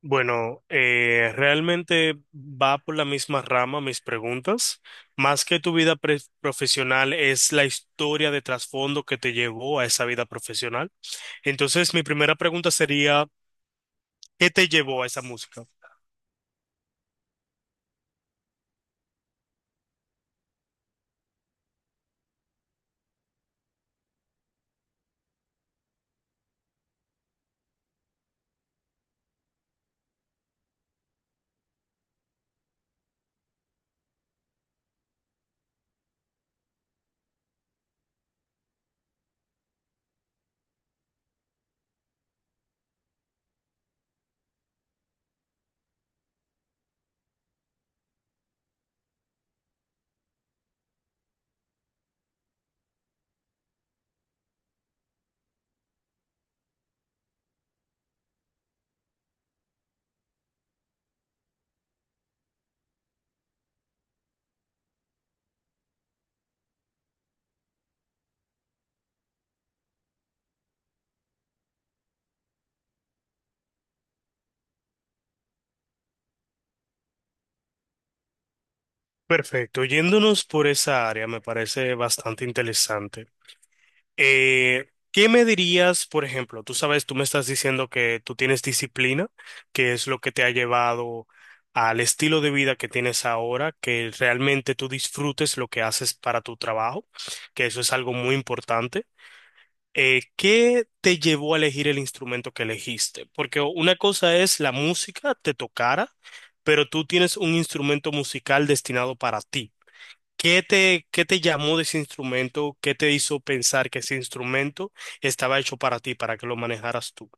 Bueno, realmente va por la misma rama mis preguntas. Más que tu vida profesional es la historia de trasfondo que te llevó a esa vida profesional. Entonces, mi primera pregunta sería, ¿qué te llevó a esa música? Perfecto, yéndonos por esa área me parece bastante interesante. ¿Qué me dirías, por ejemplo? Tú sabes, tú me estás diciendo que tú tienes disciplina, que es lo que te ha llevado al estilo de vida que tienes ahora, que realmente tú disfrutes lo que haces para tu trabajo, que eso es algo muy importante. ¿Qué te llevó a elegir el instrumento que elegiste? Porque una cosa es la música, te tocara, pero tú tienes un instrumento musical destinado para ti. Qué te llamó de ese instrumento? ¿Qué te hizo pensar que ese instrumento estaba hecho para ti, para que lo manejaras tú?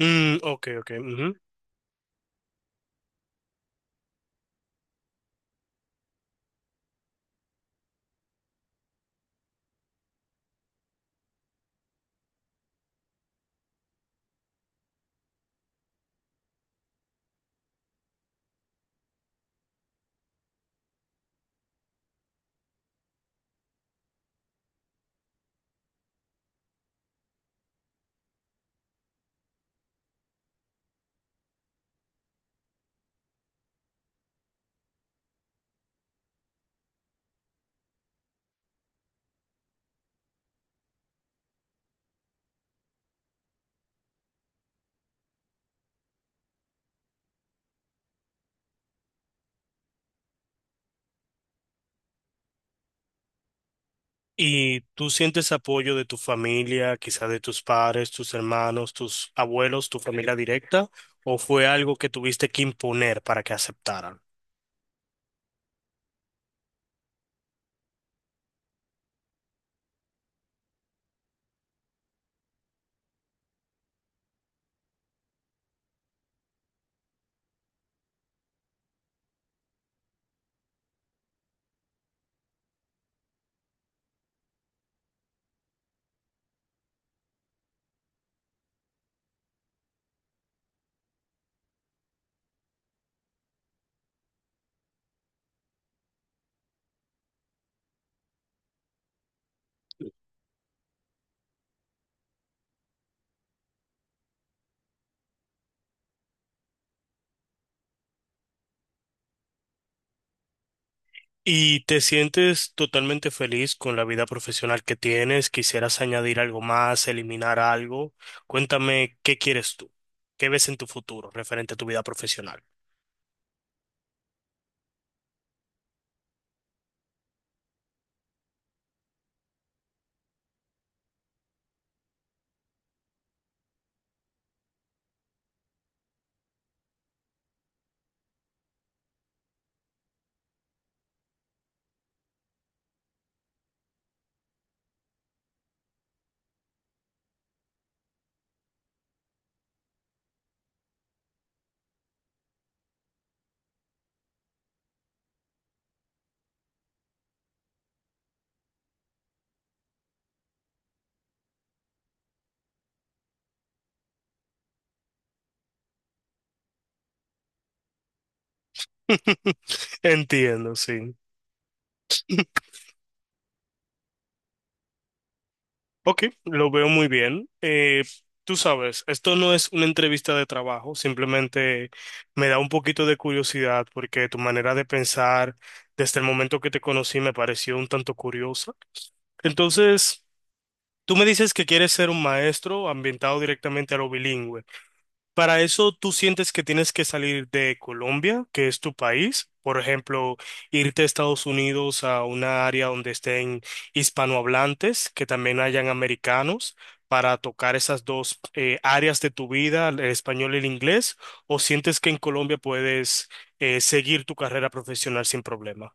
Mm, ok, ok. Ujú. ¿Y tú sientes apoyo de tu familia, quizás de tus padres, tus hermanos, tus abuelos, tu familia directa? ¿O fue algo que tuviste que imponer para que aceptaran? ¿Y te sientes totalmente feliz con la vida profesional que tienes? ¿Quisieras añadir algo más, eliminar algo? Cuéntame, ¿qué quieres tú? ¿Qué ves en tu futuro referente a tu vida profesional? Entiendo, sí. Ok, lo veo muy bien. Tú sabes, esto no es una entrevista de trabajo, simplemente me da un poquito de curiosidad porque tu manera de pensar desde el momento que te conocí me pareció un tanto curiosa. Entonces... Tú me dices que quieres ser un maestro ambientado directamente a lo bilingüe. Para eso, ¿tú sientes que tienes que salir de Colombia, que es tu país? Por ejemplo, irte a Estados Unidos a una área donde estén hispanohablantes, que también hayan americanos, para tocar esas dos áreas de tu vida, el español y el inglés, ¿o sientes que en Colombia puedes seguir tu carrera profesional sin problema?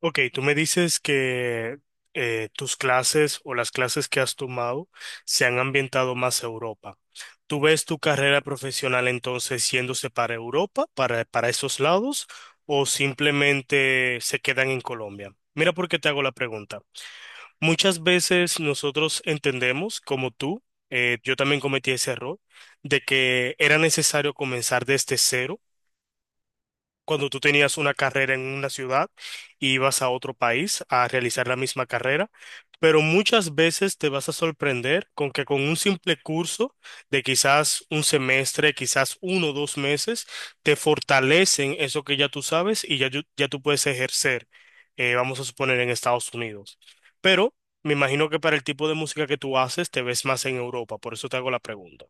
Ok, tú me dices que tus clases o las clases que has tomado se han ambientado más a Europa. ¿Tú ves tu carrera profesional entonces yéndose para Europa, para esos lados, o simplemente se quedan en Colombia? Mira por qué te hago la pregunta. Muchas veces nosotros entendemos, como tú, yo también cometí ese error, de que era necesario comenzar desde cero cuando tú tenías una carrera en una ciudad y ibas a otro país a realizar la misma carrera, pero muchas veces te vas a sorprender con que con un simple curso de quizás un semestre, quizás uno o dos meses, te fortalecen eso que ya tú sabes y ya, ya tú puedes ejercer, vamos a suponer, en Estados Unidos. Pero me imagino que para el tipo de música que tú haces te ves más en Europa, por eso te hago la pregunta.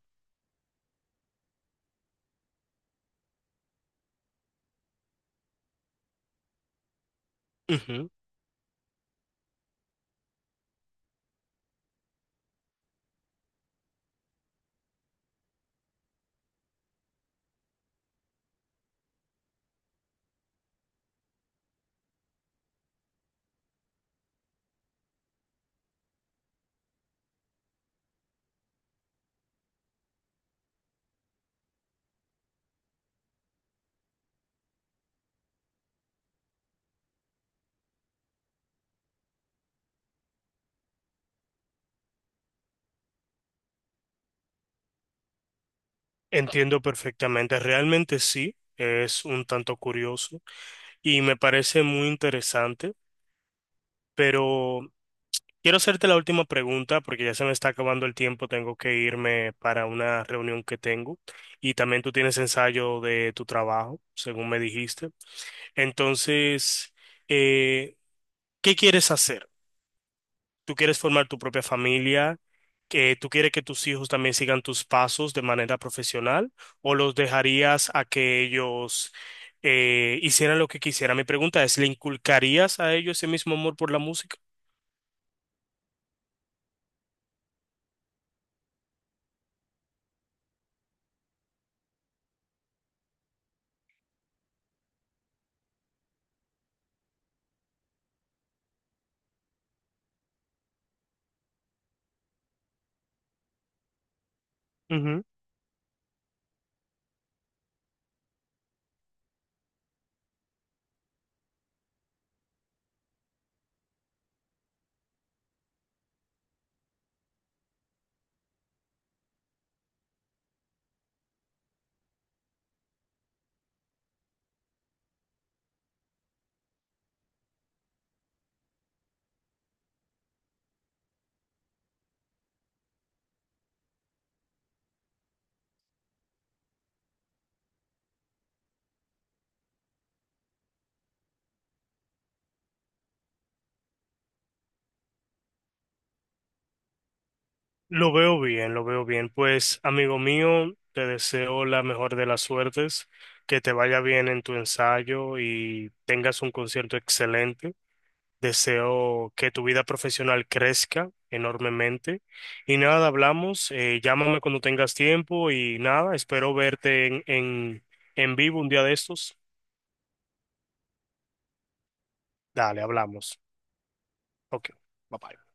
Entiendo perfectamente, realmente sí, es un tanto curioso y me parece muy interesante, pero quiero hacerte la última pregunta porque ya se me está acabando el tiempo, tengo que irme para una reunión que tengo y también tú tienes ensayo de tu trabajo, según me dijiste. Entonces, eh, ¿qué quieres hacer? ¿Tú quieres formar tu propia familia? ¿Que tú quieres que tus hijos también sigan tus pasos de manera profesional o los dejarías a que ellos hicieran lo que quisieran? Mi pregunta es, ¿le inculcarías a ellos ese mismo amor por la música? Ujú. Lo veo bien, lo veo bien. Pues, amigo mío, te deseo la mejor de las suertes, que te vaya bien en tu ensayo y tengas un concierto excelente. Deseo que tu vida profesional crezca enormemente. Y nada, hablamos. Llámame cuando tengas tiempo y nada, espero verte en vivo un día de estos. Dale, hablamos. Ok, bye bye.